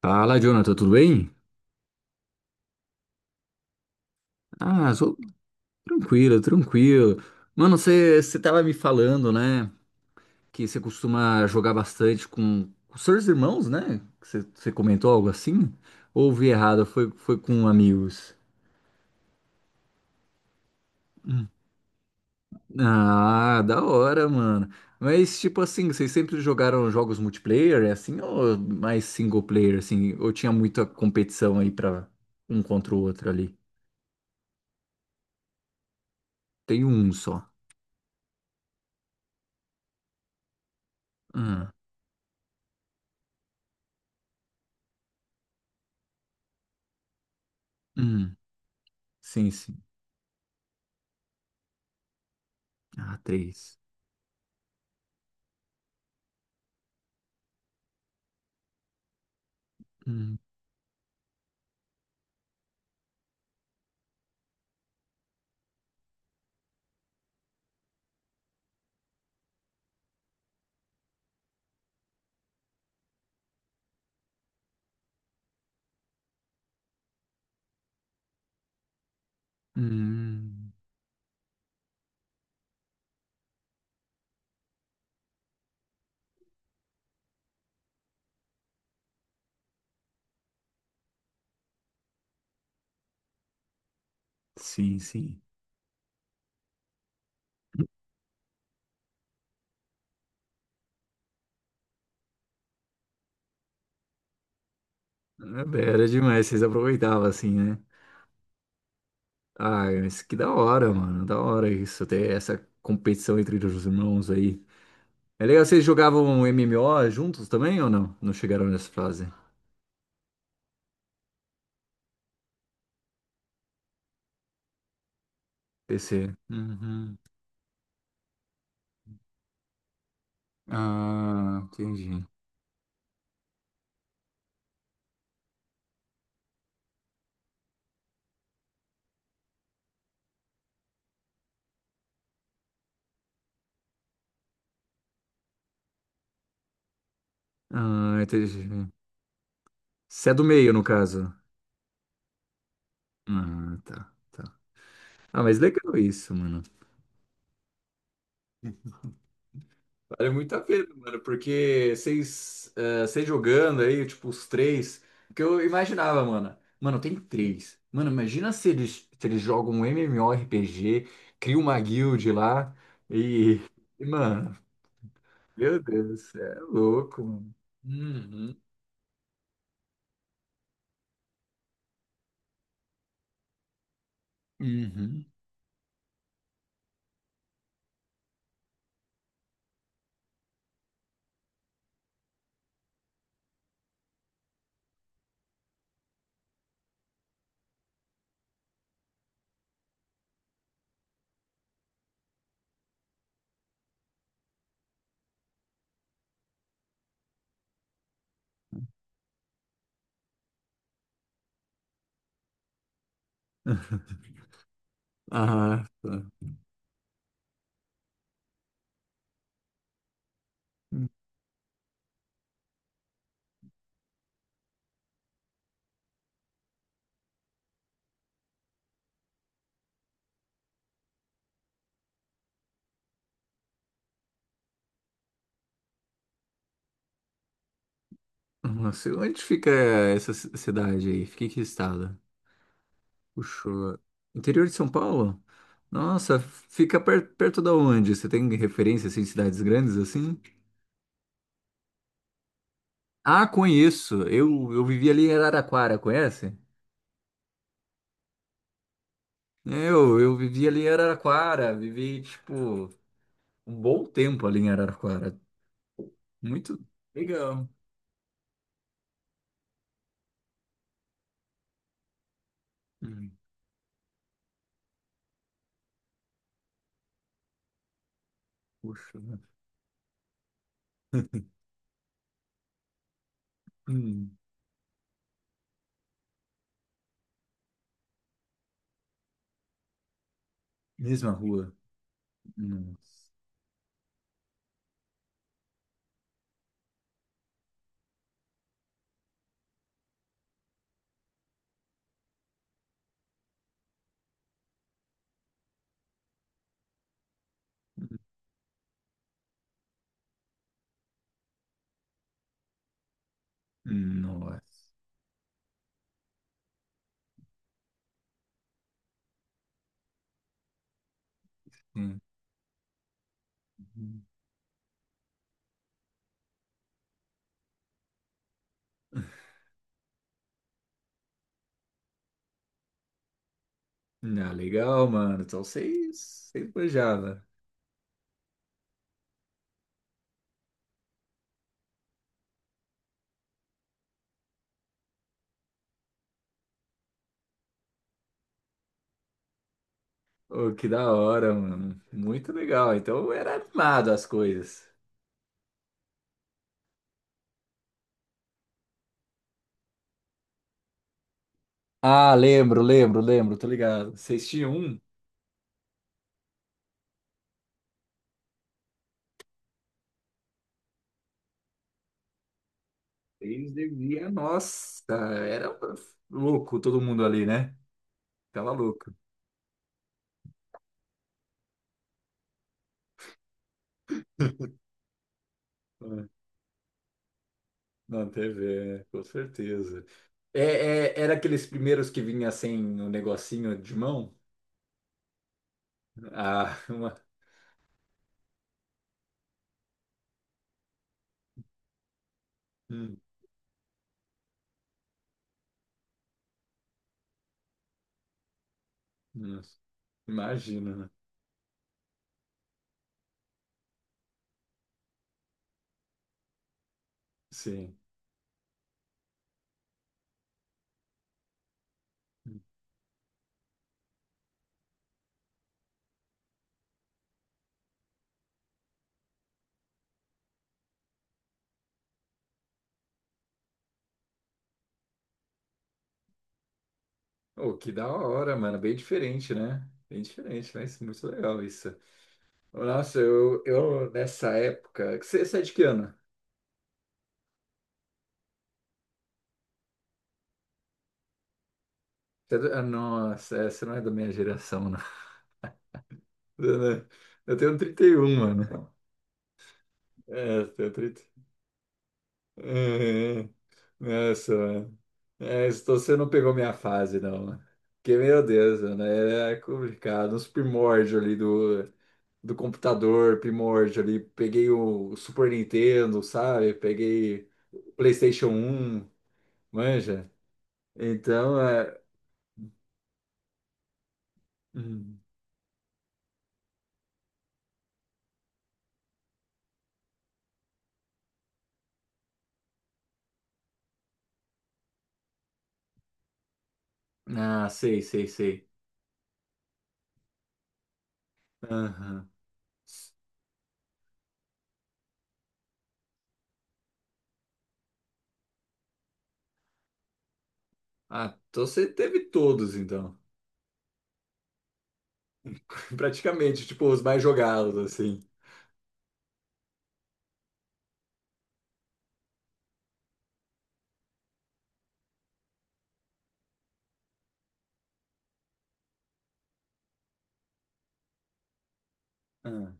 Fala, Jonathan, tudo bem? Ah, sou tranquilo, tranquilo. Mano, você tava me falando, né, que você costuma jogar bastante com seus irmãos, né? Você comentou algo assim? Ou ouvi errado, foi com amigos? Ah, da hora, mano. Mas, tipo assim, vocês sempre jogaram jogos multiplayer, é assim, ou mais single player, assim? Ou tinha muita competição aí pra um contra o outro ali? Tem um só. Ah, hum, sim, sim. Ah, três. Hum, hum, sim, sim. É, bem, era demais, vocês aproveitavam assim, né? Ah, mas que da hora, mano. Da hora isso, ter essa competição entre os irmãos aí. É legal, vocês jogavam MMO juntos também ou não? Não chegaram nessa fase? PC. Uhum. Ah, entendi. Ah, entendi. Você é do meio, no caso. Ah, tá, tá. Ah, mas legal isso, mano. Vale muito a pena, mano, porque vocês, vocês jogando aí, tipo, os três, que eu imaginava, mano. Mano, tem três. Mano, imagina se eles, se eles jogam um MMORPG, criam uma guild lá e, e, mano, meu Deus, cê é louco, mano. Uhum, uhum. Ah, tá. Não, onde fica essa cidade aí? Fica em que estado? Puxou. Interior de São Paulo? Nossa, fica perto da onde? Você tem referência assim, em cidades grandes assim? Ah, conheço. Eu vivi ali em Araraquara, conhece? Eu vivi ali em Araraquara, vivi tipo um bom tempo ali em Araraquara. Muito legal. Hum, puxa, né? Hum, mesma rua. Nossa. Nossa. Hum. Hum. Ah, legal, mano. Então vocês, vocês manjavam. Ô, que da hora, mano. Muito legal. Então era animado as coisas. Ah, lembro, lembro, lembro, tô ligado. Vocês tinham um? Eles deviam. Nossa, era um louco todo mundo ali, né? Tava louco. Na TV, né? Com certeza. É, era aqueles primeiros que vinha sem o negocinho de mão? Ah, uma... Hum, hum, imagina, né? Sim. Oh, que da hora, mano. Bem diferente, né? Bem diferente, mas muito legal isso. Nossa, eu nessa época. Você é de que ano? Você é ah, nossa, é, você não é da minha geração, não. Eu não- eu tenho 31 mano. É, eu tenho trinta. Uhum. Nossa, mano. É, então você não pegou minha fase, não, mano. Porque, meu Deus, mano, era complicado. Os primórdios ali do, do computador, primórdio ali. Peguei o Super Nintendo, sabe? Peguei o PlayStation um, manja. Então, é. Hum. Ah, sei, sei, sei. Aham. Ah, então você teve todos, então. Praticamente, tipo, os mais jogados, assim. Ah,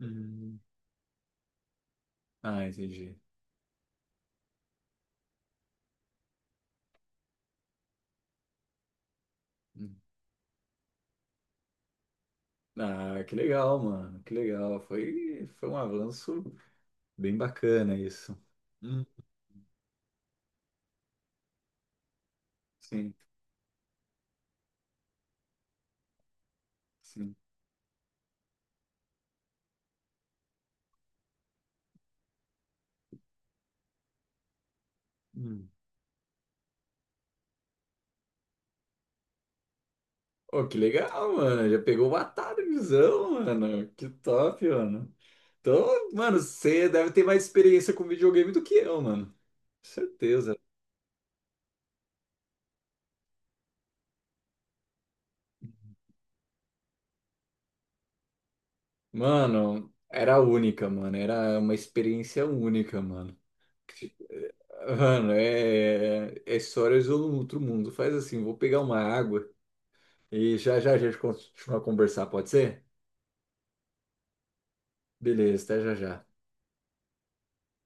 hum. Ah, entendi. Hum. Ah, que legal, mano. Que legal. Foi, foi um avanço bem bacana isso. Hum. Sim, sim. Hum. Oh, que legal, mano. Já pegou o visão, mano. Que top, mano. Então, mano, você deve ter mais experiência com videogame do que eu, mano. Certeza. Mano, era única, mano. Era uma experiência única, mano. Tipo, mano, é, é histórias do outro mundo. Faz assim, vou pegar uma água e já já a gente continua a conversar, pode ser? Beleza, até já já.